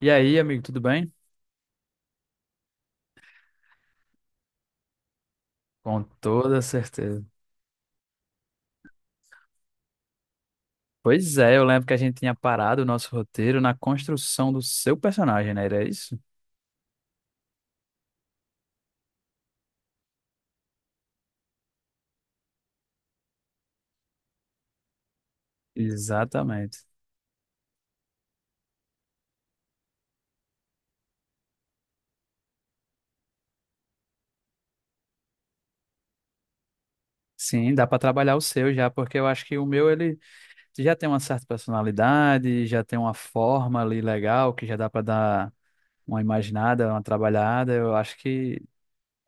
E aí, amigo, tudo bem? Com toda certeza. Pois é, eu lembro que a gente tinha parado o nosso roteiro na construção do seu personagem, né? Era isso? Exatamente. Sim, dá para trabalhar o seu já, porque eu acho que o meu ele já tem uma certa personalidade, já tem uma forma ali legal que já dá para dar uma imaginada, uma trabalhada. Eu acho que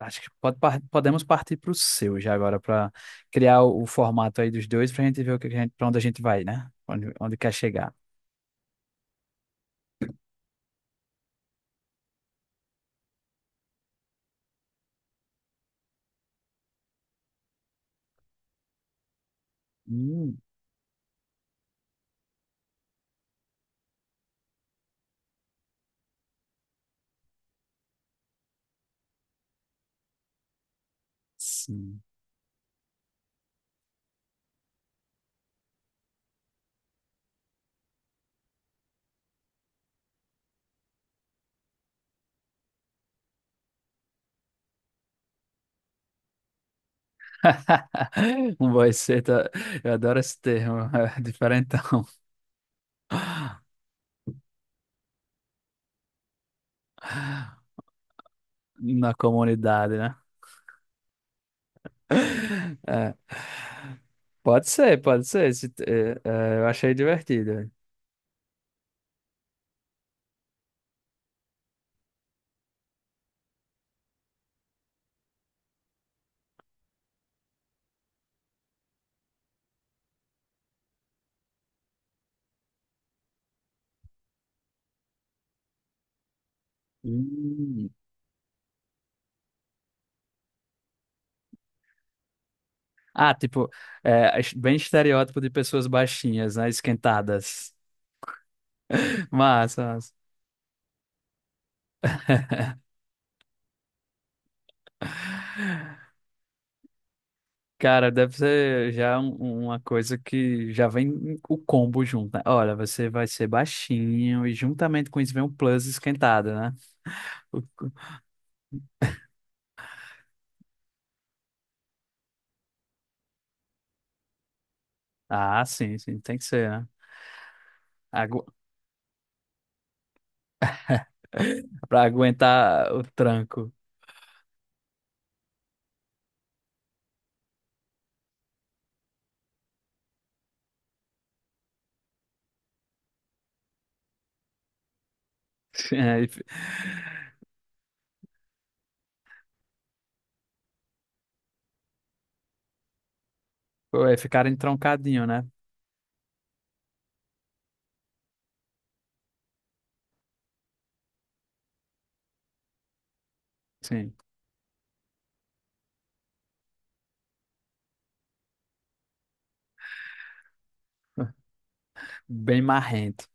acho que podemos partir para o seu já agora para criar o formato aí dos dois para a gente ver o que que a gente, para onde a gente vai, né? Onde quer chegar. Hum. Sim. Um boy seita, eu adoro esse termo, é diferentão na comunidade, né? É, pode ser. Esse eu achei divertido. Hum. Ah, tipo, bem estereótipo de pessoas baixinhas, né? Esquentadas. Massa, massa. Cara, deve ser já uma coisa que já vem o combo junto, né? Olha, você vai ser baixinho e juntamente com isso vem um plus esquentado, né? Ah, sim, sim, tem que ser, né? Agu... Pra aguentar o tranco. É, e fi- Pô, é, ficar entroncadinho, né? Sim. Bem marrento.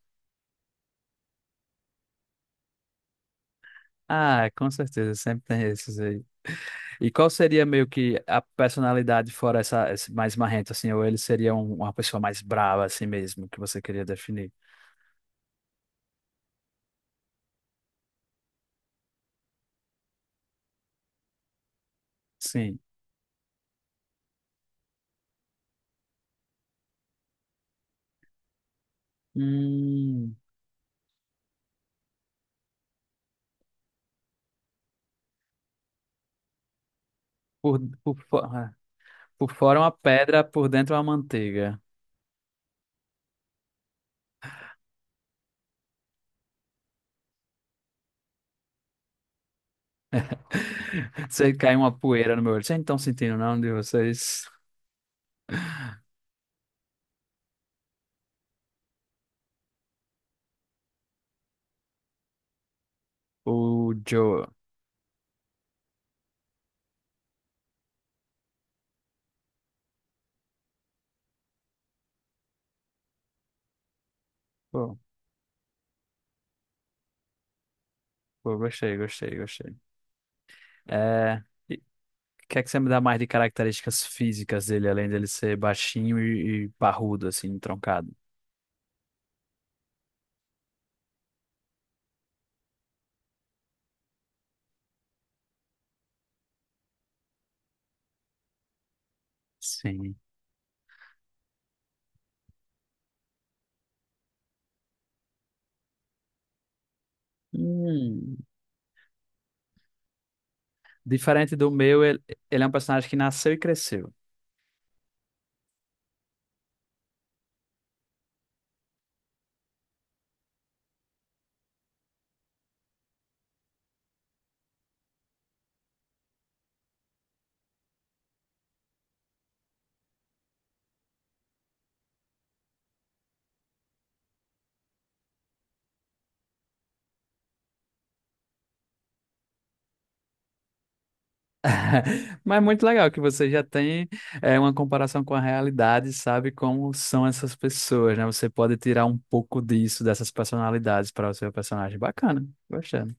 Ah, com certeza, sempre tem esses aí. E qual seria meio que a personalidade fora essa, esse mais marrento, assim? Ou ele seria uma pessoa mais brava, assim mesmo, que você queria definir? Sim. Hum, por, por, fo- ah, por fora uma pedra, por dentro uma manteiga. Você cai uma poeira no meu olho. Vocês não estão sentindo, não, de vocês? O Joe. Pô, pô, gostei. É, e o que é que você me dá mais de características físicas dele, além dele ser baixinho e parrudo, assim, troncado? Sim. Hum. Diferente do meu, ele é um personagem que nasceu e cresceu. Mas é muito legal que você já tem é, uma comparação com a realidade, sabe como são essas pessoas, né? Você pode tirar um pouco disso, dessas personalidades para o seu personagem. Bacana, gostando.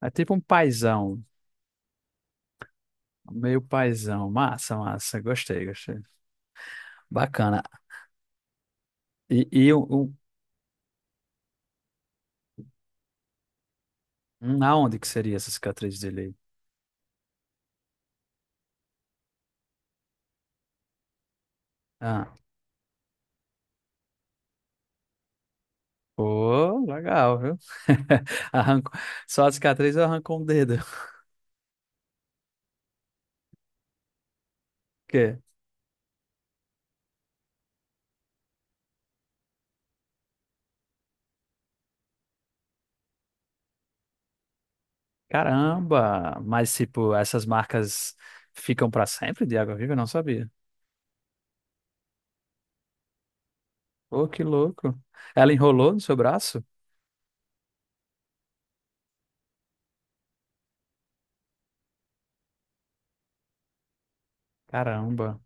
É tipo um paizão, meio paizão. Massa, massa. Gostei, gostei. Bacana. E, e o, o- um, aonde que seria essa cicatriz dele? Pô, legal, viu? arranco Só a cicatriz eu arrancou um dedo. Porque, caramba! Mas, tipo, essas marcas ficam pra sempre de água viva? Eu não sabia. Pô, que louco. Ela enrolou no seu braço? Caramba.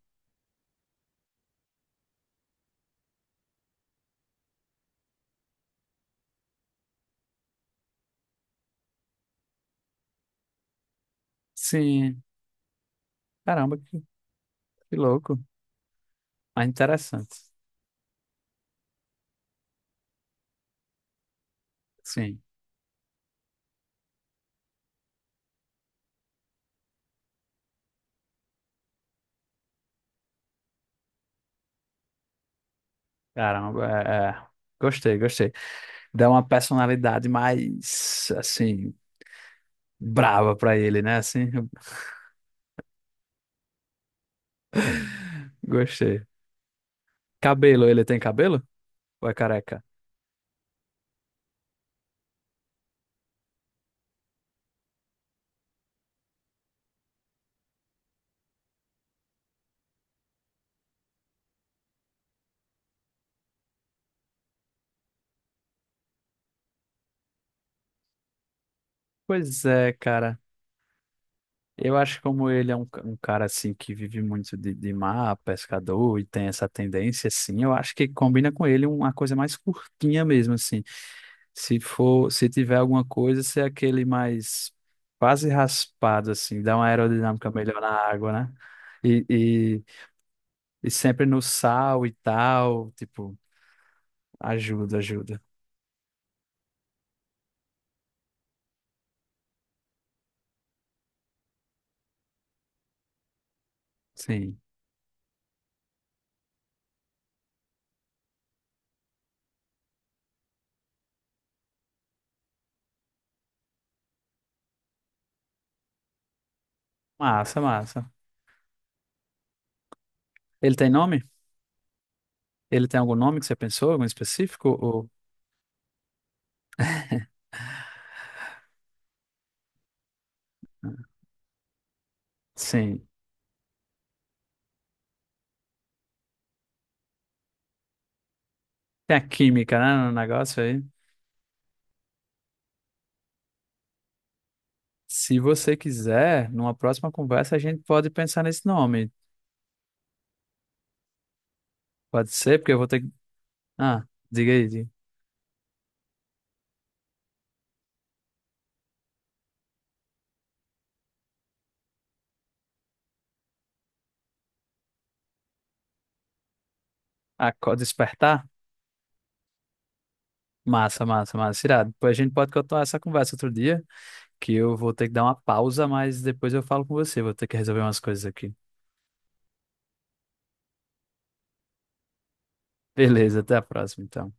Sim, caramba, que, que louco. Mas interessante. Sim, caramba. É, é. Gostei, gostei. Dá uma personalidade mais, assim, brava pra ele, né? Assim, gostei. Cabelo, ele tem cabelo? Ou é careca? Pois é, cara. Eu acho que como ele é um cara assim que vive muito de mar, pescador e tem essa tendência assim, eu acho que combina com ele uma coisa mais curtinha mesmo assim. Se for, se tiver alguma coisa, ser aquele mais quase raspado assim, dá uma aerodinâmica melhor na água, né? E, e, e sempre no sal e tal, tipo, ajuda, ajuda. Sim. Massa, massa. Ele tem nome? Ele tem algum nome que você pensou, algum específico? Ou... Sim. Tem a química, né, no negócio aí. Se você quiser, numa próxima conversa, a gente pode pensar nesse nome. Pode ser, porque eu vou ter que. Ah, diga aí. Diga. Aco- Despertar? Massa, massa, massa. Irado. Depois a gente pode continuar essa conversa outro dia, que eu vou ter que dar uma pausa, mas depois eu falo com você. Vou ter que resolver umas coisas aqui. Beleza, até a próxima, então.